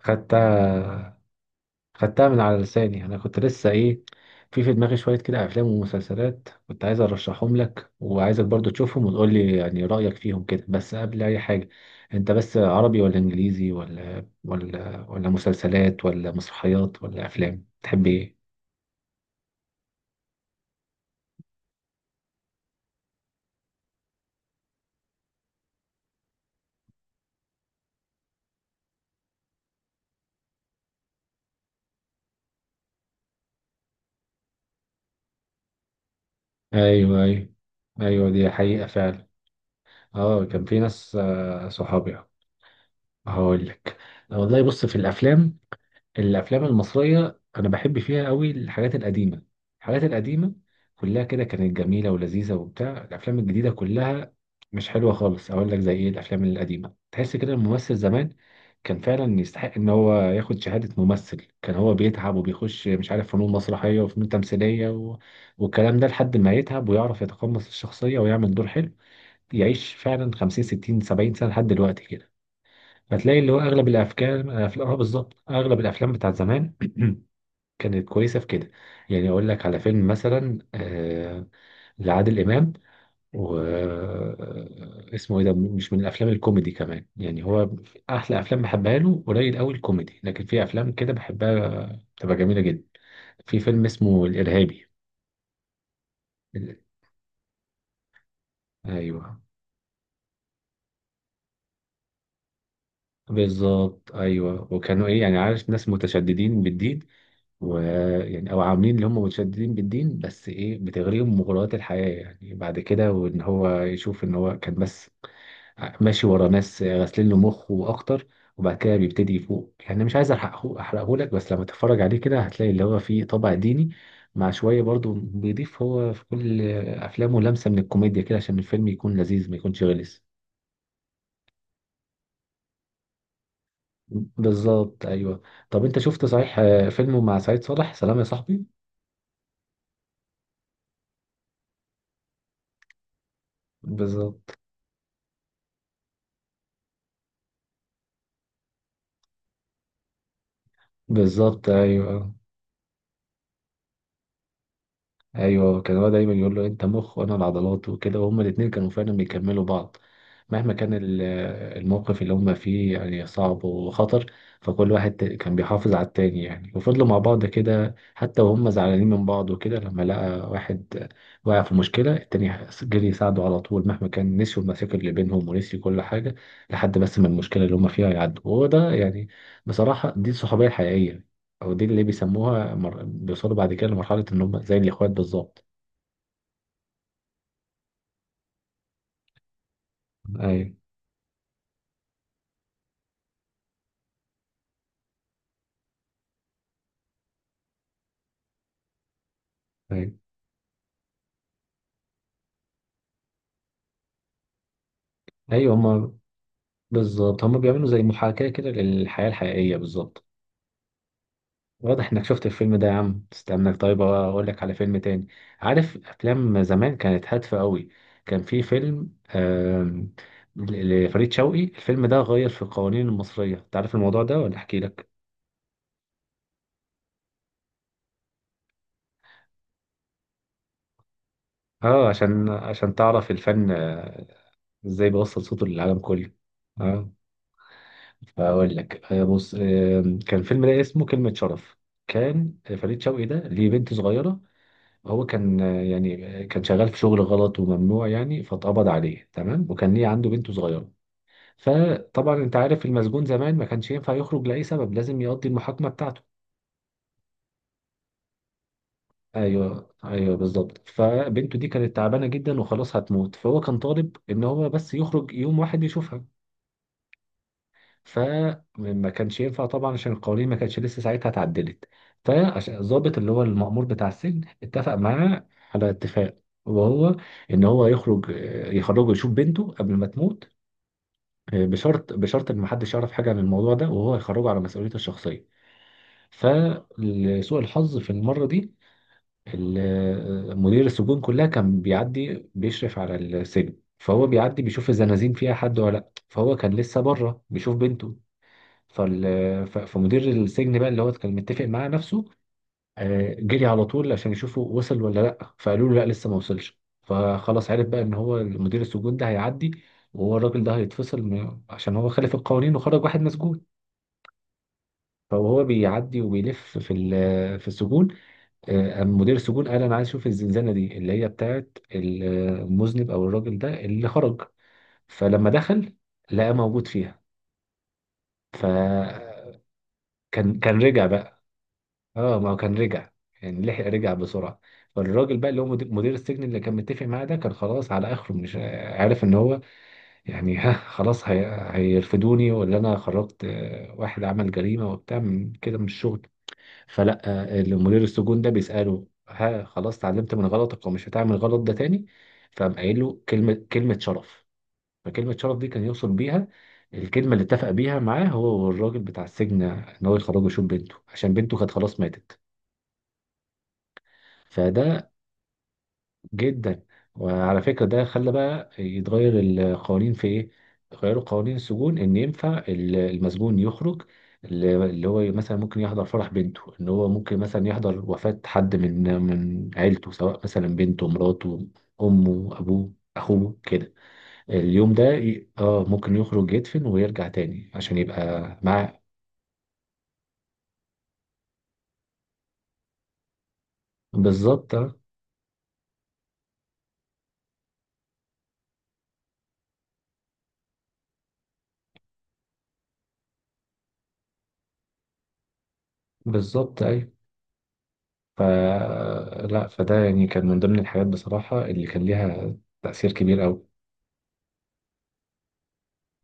خدتها. خدتها من على لساني، انا كنت لسه في دماغي شويه كده افلام ومسلسلات كنت عايز ارشحهم لك، وعايزك برضو تشوفهم وتقول لي يعني رايك فيهم كده. بس قبل اي حاجه انت بس عربي ولا انجليزي ولا مسلسلات ولا مسرحيات ولا افلام، تحب ايه؟ ايوه، ايوه. ايوه، دي حقيقه فعلا. اه، كان في ناس، صحابي. هقول لك، والله بص، في الافلام، الافلام المصريه انا بحب فيها قوي، الحاجات القديمه الحاجات القديمه كلها كده كانت جميله ولذيذه، وبتاع الافلام الجديده كلها مش حلوه خالص. اقول لك زي ايه، الافلام القديمه تحس كده الممثل زمان كان فعلا يستحق ان هو ياخد شهاده ممثل، كان هو بيتعب وبيخش، مش عارف، فنون مسرحيه وفنون تمثيليه، والكلام ده، لحد ما يتعب ويعرف يتقمص الشخصيه ويعمل دور حلو، يعيش فعلا 50 60 70 سنه لحد دلوقتي كده. هتلاقي اللي هو اغلب الافكار افلام، اه بالظبط، اغلب الافلام بتاعت زمان كانت كويسه في كده. يعني اقول لك على فيلم مثلا، لعادل امام، و اسمه ايه ده، مش من الافلام الكوميدي كمان. يعني هو احلى افلام بحبها له قليل قوي الكوميدي، لكن في افلام كده بحبها بتبقى جميله جدا. في فيلم اسمه الارهابي. ال- ايوه بالظبط. ايوه، وكانوا ايه يعني، عارف، ناس متشددين بالدين. ويعني او عاملين اللي هم متشددين بالدين، بس ايه، بتغريهم مغريات الحياه يعني، بعد كده، وان هو يشوف ان هو كان بس ماشي ورا ناس غاسلين له مخه اكتر. وبعد كده بيبتدي يفوق. يعني مش عايز احرقه، احرقه لك، بس لما تتفرج عليه كده هتلاقي اللي هو فيه طابع ديني مع شويه، برضو بيضيف هو في كل افلامه لمسه من الكوميديا كده، عشان الفيلم يكون لذيذ ما يكونش غلس. بالظبط، ايوه. طب انت شفت صحيح، فيلمه مع سعيد صالح، سلام يا صاحبي؟ بالظبط، بالظبط. ايوه، ايوه، كان هو دايما يقول له انت مخ وانا العضلات وكده. وهما الاتنين كانوا فعلا بيكملوا بعض، مهما كان الموقف اللي هما فيه يعني صعب وخطر. فكل واحد كان بيحافظ على التاني يعني، وفضلوا مع بعض كده حتى وهم زعلانين من بعض وكده. لما لقى واحد وقع في مشكلة، التاني جري يساعده على طول، مهما كان نسيوا المشاكل اللي بينهم ونسيوا كل حاجة، لحد بس ما المشكلة اللي هما فيها يعدوا. وهو ده، يعني، بصراحة، دي الصحوبية الحقيقية. او دي اللي بيسموها بيوصلوا بعد كده لمرحله ان هم زي الاخوات بالظبط. ايوه، ايوه، ايوه. هم بالظبط، هم بيعملوا زي محاكاه كده للحياه الحقيقيه بالظبط. واضح انك شفت الفيلم ده يا عم، استناك طيب اقول لك على فيلم تاني. عارف افلام زمان كانت هادفه قوي. كان في فيلم، آم، لفريد شوقي. الفيلم ده غير في القوانين المصريه، انت عارف الموضوع ده ولا احكي لك؟ اه، عشان تعرف الفن، ازاي بيوصل صوته للعالم كله. آه. فاقول لك، بص، كان فيلم ده اسمه كلمة شرف. كان فريد شوقي ده ليه بنت صغيرة. هو كان، يعني، كان شغال في شغل غلط وممنوع يعني، فاتقبض عليه، تمام، وكان ليه عنده بنت صغيرة. فطبعا انت عارف المسجون زمان ما كانش ينفع يخرج لأي سبب، لازم يقضي المحاكمة بتاعته. ايوه، ايوه، بالظبط. فبنته دي كانت تعبانة جدا وخلاص هتموت، فهو كان طالب ان هو بس يخرج يوم واحد يشوفها. فما كانش ينفع طبعا عشان القوانين ما كانتش لسه ساعتها اتعدلت. فعشان الضابط اللي هو المأمور بتاع السجن اتفق معاه على اتفاق، وهو ان هو يخرج، يخرجه يشوف بنته قبل ما تموت، بشرط ان محدش يعرف حاجه عن الموضوع ده، وهو يخرجه على مسؤوليته الشخصيه. فلسوء الحظ في المره دي، مدير السجون كلها كان بيعدي بيشرف على السجن، فهو بيعدي بيشوف الزنازين فيها حد ولا لا، فهو كان لسه بره بيشوف بنته. فال... فمدير السجن بقى اللي هو كان متفق معاه نفسه، جري على طول عشان يشوفه وصل ولا لا. فقالوا له لا لسه ما وصلش. فخلاص عرف بقى ان هو مدير السجون ده هيعدي، وهو الراجل ده هيتفصل، عشان هو خالف القوانين وخرج واحد مسجون. فهو بيعدي وبيلف في في السجون. قام مدير السجون قال انا عايز اشوف الزنزانه دي اللي هي بتاعت المذنب او الراجل ده اللي خرج. فلما دخل لقى موجود فيها. فكان، كان رجع بقى. اه، ما هو كان رجع، يعني لحق رجع بسرعة. فالراجل بقى اللي هو مدير السجن اللي كان متفق معاه ده، كان خلاص على اخره، مش عارف ان هو يعني ها خلاص هيرفدوني ولا انا خرجت، واحد عمل جريمة وبتاع، من كده من الشغل. فلا، المدير السجون ده بيسأله، ها خلاص اتعلمت من غلطك ومش هتعمل غلط ده تاني؟ فقام قايل له كلمة، كلمة شرف. فكلمة شرف دي كان يوصل بيها الكلمة اللي اتفق بيها معاه هو والراجل بتاع السجن، ان هو يخرجه يشوف بنته، عشان بنته كانت خلاص ماتت. فده. جدا. وعلى فكرة، ده خلى بقى يتغير القوانين في ايه؟ غيروا قوانين السجون ان ينفع المسجون يخرج، اللي هو مثلا ممكن يحضر فرح بنته، ان هو ممكن مثلا يحضر وفاة حد من عيلته، سواء مثلا بنته، مراته، امه، ابوه، اخوه كده. اليوم ده اه ممكن يخرج يدفن ويرجع تاني عشان يبقى مع. بالظبط، بالظبط، ايوه. ف لا فده يعني كان من ضمن الحاجات بصراحة اللي كان ليها تأثير كبير أوي.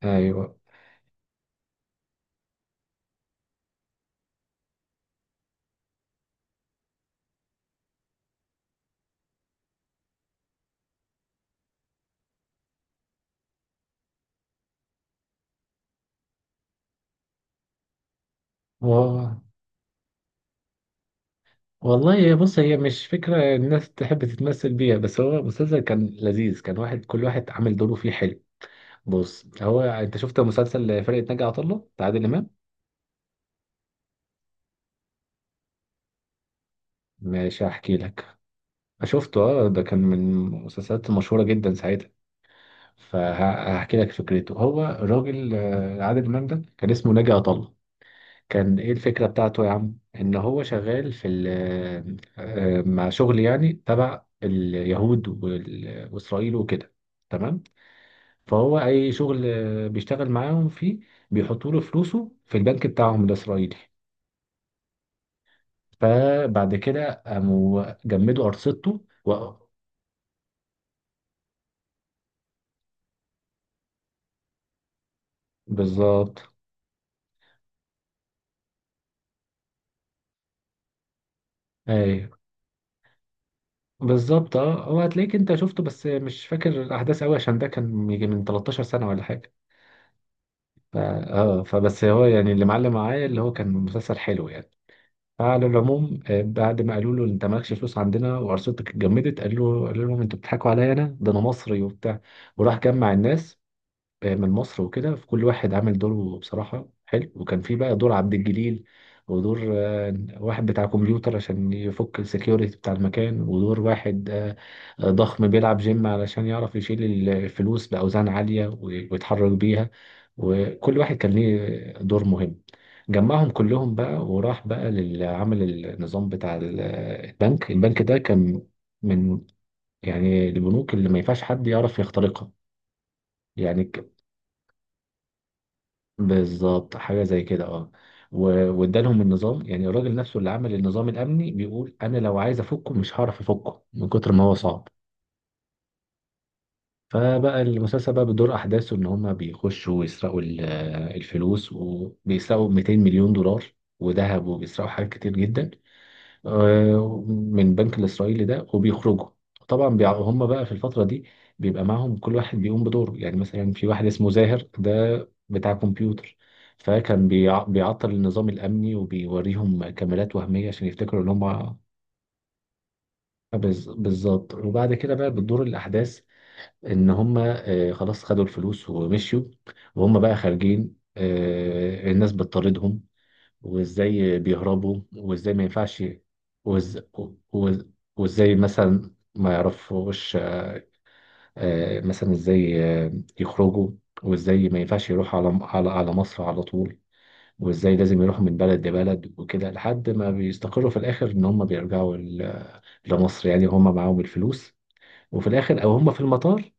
ايوه، و... والله بص، هي مش فكره الناس تحب تتمثل بيها، بس هو المسلسل كان لذيذ، كان واحد كل واحد عامل دوره فيه حلو. بص، هو انت شفت مسلسل فرقه ناجي عطا الله بتاع عادل امام؟ ماشي، هحكي لك. شفته، اه، ده كان من المسلسلات المشهوره جدا ساعتها. فهحكي لك فكرته. هو الراجل، عادل امام ده، كان اسمه ناجي عطا الله. كان ايه الفكرة بتاعته يا عم، ان هو شغال في مع شغل يعني تبع اليهود واسرائيل وكده، تمام. فهو اي شغل، بيشتغل معاهم فيه، بيحطوا له فلوسه في البنك بتاعهم الاسرائيلي. فبعد كده قاموا جمدوا ارصدته بالظبط ايوه، بالظبط، اه. هو هتلاقيك انت شفته بس مش فاكر الاحداث قوي، عشان ده كان يجي من 13 سنة ولا حاجة. ف- اه فبس هو يعني اللي معلم معايا اللي هو كان مسلسل حلو يعني. فعلى العموم، بعد ما قالوا له انت مالكش فلوس عندنا وارصدتك اتجمدت، قال له، قالوا لهم انتوا بتضحكوا عليا، انا ده انا مصري وبتاع. وراح جمع الناس، من مصر وكده، في كل واحد عامل دوره بصراحة حلو. وكان في بقى دور عبد الجليل، ودور واحد بتاع كمبيوتر عشان يفك السكيورتي بتاع المكان، ودور واحد ضخم بيلعب جيم علشان يعرف يشيل الفلوس بأوزان عالية ويتحرك بيها. وكل واحد كان ليه دور مهم. جمعهم كلهم بقى، وراح بقى للعمل النظام بتاع البنك ده كان من، يعني، البنوك اللي ما ينفعش حد يعرف يخترقها. يعني بالظبط حاجه زي كده، اه. و- وادالهم النظام، يعني الراجل نفسه اللي عمل النظام الامني بيقول انا لو عايز افكه مش هعرف افكه من كتر ما هو صعب. فبقى المسلسل بقى بدور احداثه ان هم بيخشوا ويسرقوا الفلوس وبيسرقوا 200 مليون دولار وذهب، وبيسرقوا حاجات كتير جدا، من البنك الإسرائيلي ده وبيخرجوا. طبعا هم بقى في الفترة دي بيبقى معاهم كل واحد بيقوم بدوره. يعني مثلا في واحد اسمه زاهر ده، بتاع كمبيوتر، فكان بيعطل النظام الأمني وبيوريهم كاميرات وهمية عشان يفتكروا إن هم، بالظبط وبعد كده بقى بتدور الأحداث إن هم، خلاص خدوا الفلوس ومشيوا، وهم بقى خارجين، الناس بتطاردهم، وازاي بيهربوا، وازاي ما ينفعش، وإز... وإز... وازاي مثلا ما يعرفوش، مثلا ازاي، يخرجوا، وازاي ما ينفعش يروحوا على على مصر على طول، وازاي لازم يروحوا من بلد لبلد وكده، لحد ما بيستقروا في الاخر ان هم بيرجعوا لمصر يعني هم معاهم الفلوس، وفي الاخر او هم في المطار،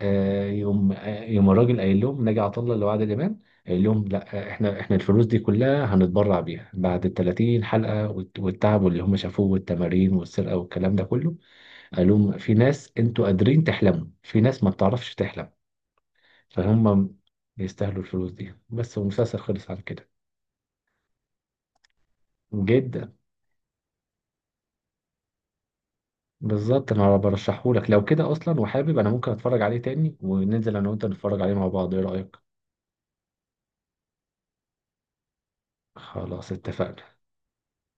يوم الراجل قايل لهم، ناجي عطا الله اللي هو عادل امام، قايل لهم لا، احنا، الفلوس دي كلها هنتبرع بيها بعد ال 30 حلقه، والتعب واللي هم شافوه والتمارين والسرقه والكلام ده كله. قال لهم، في ناس انتوا قادرين تحلموا، في ناس ما بتعرفش تحلم، فهم يستاهلوا الفلوس دي بس. والمسلسل خلص على كده. جدا. بالظبط، انا برشحه لك لو كده اصلا، وحابب، انا ممكن اتفرج عليه تاني، وننزل انا وانت نتفرج عليه مع بعض، ايه رايك؟ خلاص اتفقنا.